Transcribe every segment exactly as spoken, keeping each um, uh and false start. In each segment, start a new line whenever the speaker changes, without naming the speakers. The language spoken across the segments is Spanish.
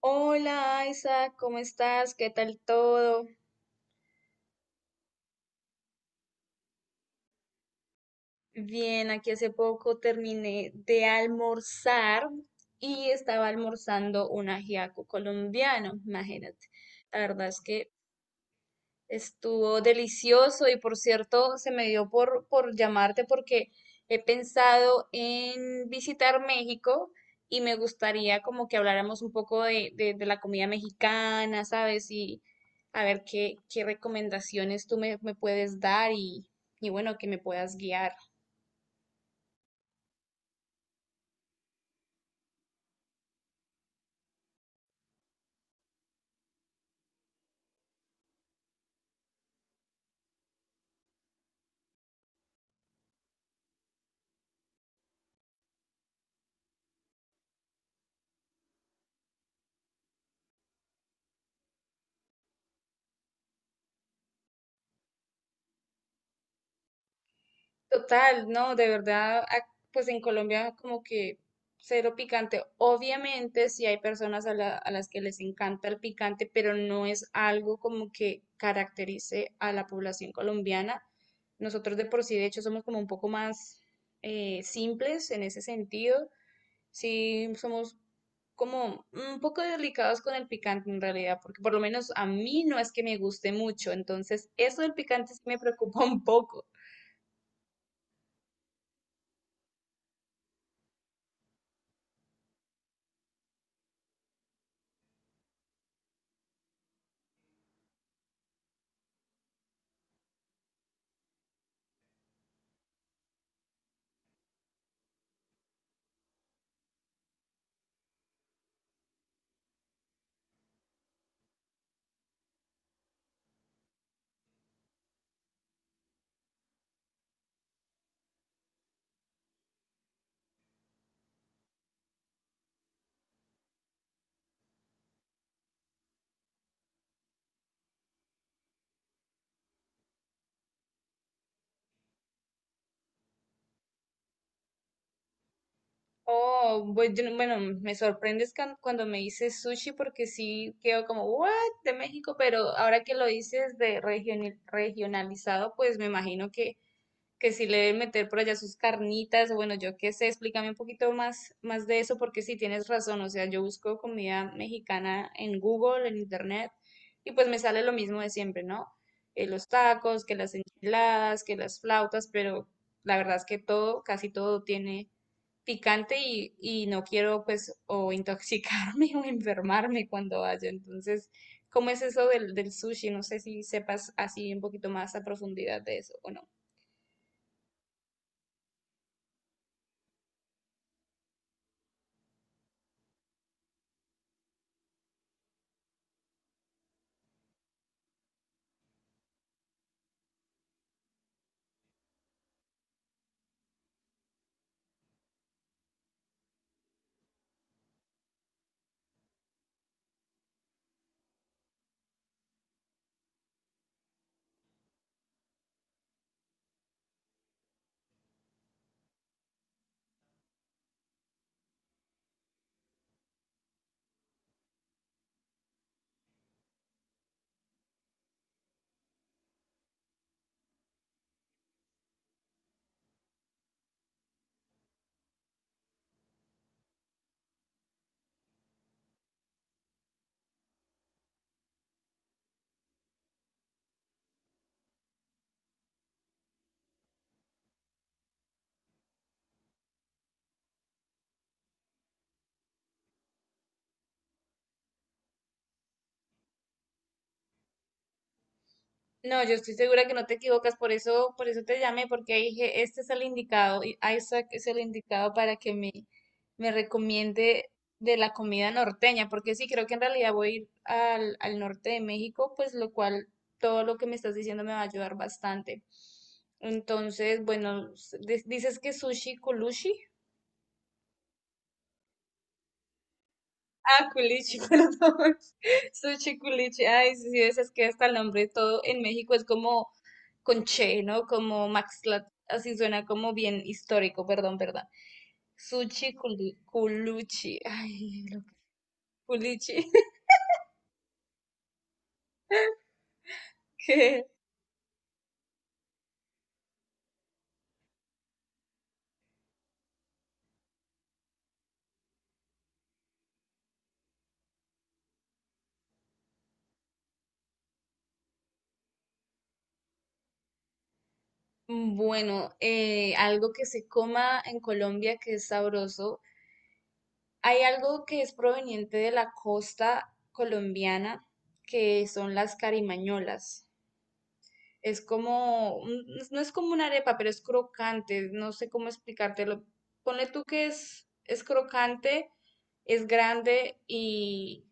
Hola Isa, ¿cómo estás? ¿Qué tal todo? Bien, aquí hace poco terminé de almorzar y estaba almorzando un ajiaco colombiano, imagínate. La verdad es que estuvo delicioso y por cierto, se me dio por, por llamarte porque he pensado en visitar México y me gustaría como que habláramos un poco de, de- de la comida mexicana, ¿sabes? Y a ver qué, qué recomendaciones tú me, me puedes dar y, y bueno, que me puedas guiar. Total, no, de verdad, ac- pues en Colombia como que cero picante. Obviamente sí hay personas a, la- a las que les encanta el picante, pero no es algo como que caracterice a la población colombiana. Nosotros de por sí, de hecho, somos como un poco más eh, simples en ese sentido. Sí, somos como un poco delicados con el picante en realidad, porque por lo menos a mí no es que me guste mucho, entonces eso del picante sí me preocupa un poco. Oh, bu- yo no- bueno, me sorprendes can- cuando me dices sushi porque sí quedo como, what, de México, pero ahora que lo dices de regioni- regionalizado, pues me imagino que, que sí le deben meter por allá sus carnitas, o bueno, yo qué sé, explícame un poquito más, más de eso porque sí tienes razón, o sea, yo busco comida mexicana en Google, en Internet, y pues me sale lo mismo de siempre, ¿no? Eh, los tacos, que las enchiladas, que las flautas, pero la verdad es que todo, casi todo tiene picante y, y no quiero pues o intoxicarme o enfermarme cuando vaya. Entonces, ¿cómo es eso del, del sushi? No sé si sepas así un poquito más a profundidad de eso o no. No, yo estoy segura que no te equivocas, por eso, por eso te llamé, porque dije, este es el indicado, y Isaac es el indicado para que me, me recomiende de la comida norteña, porque sí, creo que en realidad voy a ir al, al norte de México, pues lo cual todo lo que me estás diciendo me va a ayudar bastante. Entonces, bueno, s- di- dices que sushi culichi. Ah, culichi, perdón. Sushi culichi. Ay, sí, sí, ves, es que hasta el nombre todo en México es como con Che, ¿no? Como Maxla, así suena como bien histórico, perdón, perdón. Sushi Culi- Culuchi, ay, lo que... Culichi, que mm, bueno, eh, algo que se coma en Colombia que es sabroso. Hay algo que es proveniente de la costa colombiana, que son las carimañolas. Es como, un- no es como una arepa, pero es crocante, no sé cómo explicártelo. Ponle tú que es, es crocante, es grande y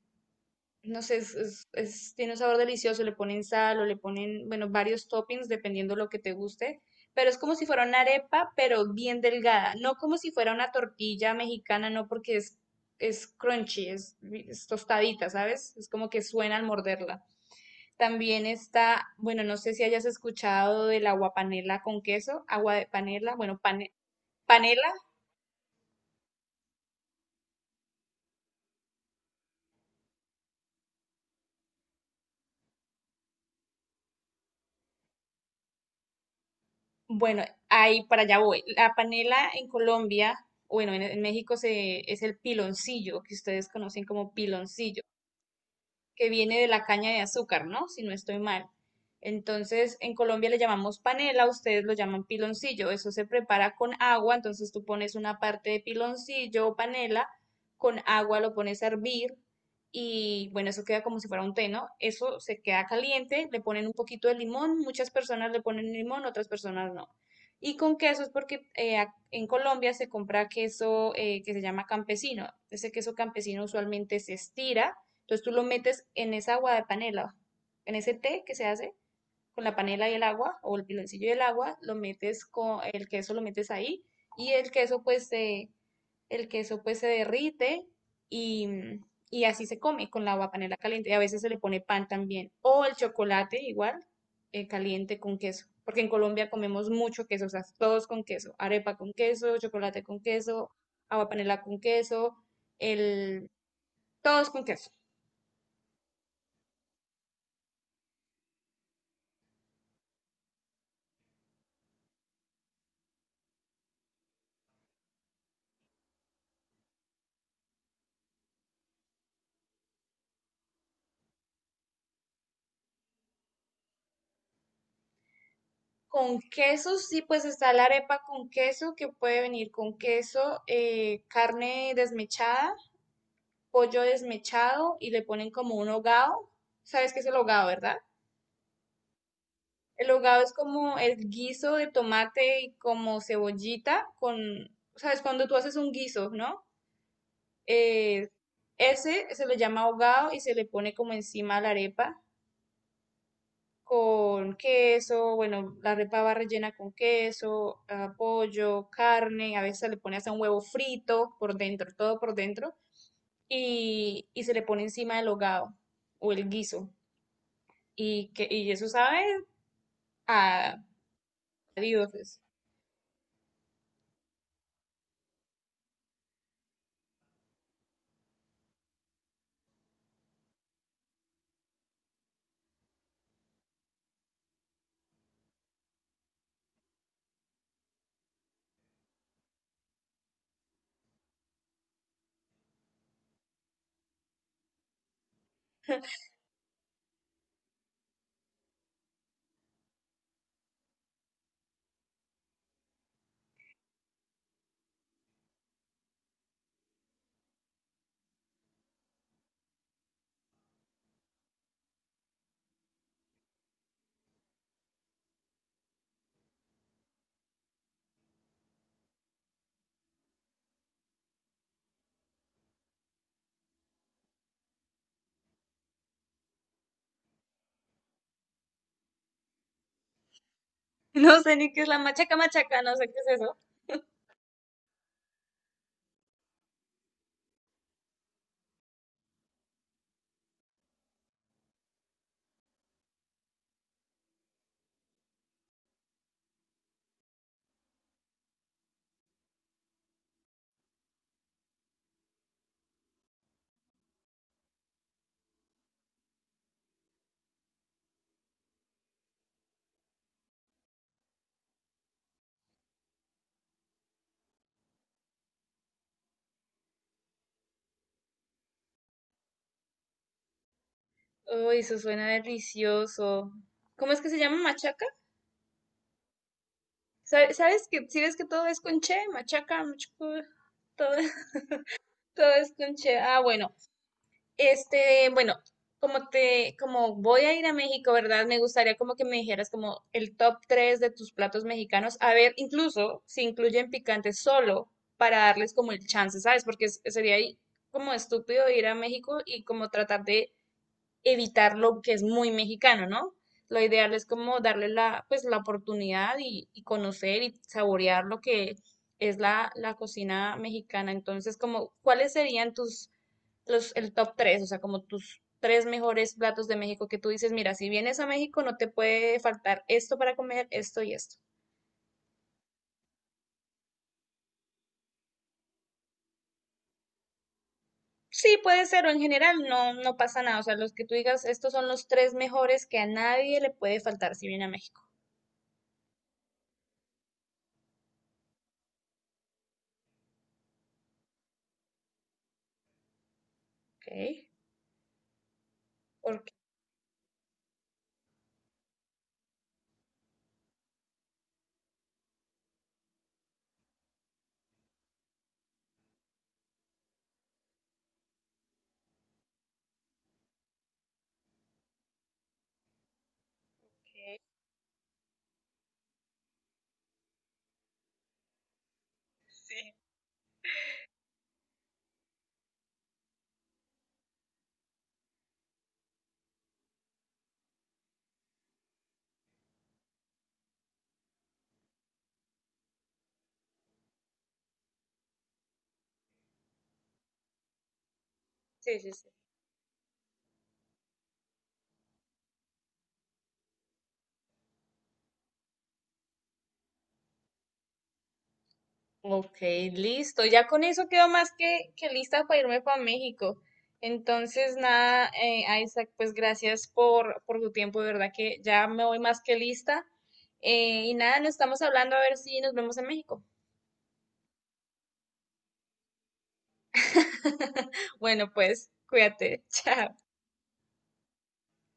no sé, es, es- es- tiene un sabor delicioso, le ponen sal o le ponen, bueno, varios toppings dependiendo lo que te guste, pero es como si fuera una arepa, pero bien delgada, no como si fuera una tortilla mexicana, no porque es, es crunchy, es, es tostadita, ¿sabes? Es como que suena al morderla. También está, bueno, no sé si hayas escuchado del agua panela con queso, agua de panela, bueno, pane- panela, bueno, ahí para allá voy. La panela en Colombia, bueno, en, en México se, es el piloncillo, que ustedes conocen como piloncillo. Que viene de la caña de azúcar, ¿no? Si no estoy mal. Entonces, en Colombia le llamamos panela, ustedes lo llaman piloncillo. Eso se prepara con agua, entonces tú pones una parte de piloncillo o panela, con agua lo pones a hervir y bueno, eso queda como si fuera un té, ¿no? Eso se queda caliente, le ponen un poquito de limón, muchas personas le ponen limón, otras personas no. Y con queso es porque eh, en Colombia se compra queso eh, que se llama campesino. Ese queso campesino usualmente se estira, entonces tú lo metes en esa agua de panela, en ese té que se hace con la panela y el agua o el piloncillo y el agua, lo metes con el queso, lo metes ahí y el queso pues se, el queso pues se derrite y, y así se come con la agua panela caliente. Y a veces se le pone pan también o el chocolate igual, eh, caliente con queso. Porque en Colombia comemos mucho queso, o sea, todos con queso, arepa con queso, chocolate con queso, agua panela con queso, el, todos con queso. Con quesos, sí, pues está la arepa con queso, que puede venir con queso, eh, carne desmechada, pollo desmechado y le ponen como un hogado. ¿Sabes qué es el hogado, verdad? El hogado es como el guiso de tomate y como cebollita con, ¿sabes? Cuando tú haces un guiso, ¿no? Eh, Ese se le llama hogado y se le pone como encima la arepa. Con queso, bueno, la arepa va rellena con queso, ah, pollo, carne, a veces le pone hasta un huevo frito por dentro, todo por dentro, y, y se le pone encima el hogado o el guiso. Y, que, y eso sabe a dioses. No sé ni qué es la machaca machaca, no sé qué es eso. Uy, eso suena delicioso. ¿Cómo es que se llama machaca? Sa- ¿Sabes que si ves que todo es con che, machaca, machuco, todo, todo es con che? Ah, bueno, este, bueno, como te, como voy a ir a México, ¿verdad? Me gustaría como que me dijeras como el top tres de tus platos mexicanos. A ver, incluso si incluyen picante solo para darles como el chance, ¿sabes? Porque es- sería ahí como estúpido ir a México y como tratar de evitar lo que es muy mexicano, ¿no? Lo ideal es como darle la, pues, la oportunidad y, y conocer y saborear lo que es la, la cocina mexicana. Entonces, como, ¿cuáles serían tus, los, el top tres? O sea, como tus tres mejores platos de México que tú dices, mira, si vienes a México no te puede faltar esto para comer, esto y esto. Sí, puede ser, o en general no, no pasa nada. O sea, los que tú digas, estos son los tres mejores que a nadie le puede faltar si viene a México. Ok. Porque sí. Sí, sí, sí. Ok, listo. Ya con eso quedo más que, que lista para irme para México. Entonces, nada, eh, Isaac, pues gracias por, por tu tiempo, de verdad que ya me voy más que lista. Eh, y nada, nos estamos hablando a ver si nos vemos en México. Bueno, pues cuídate, chao.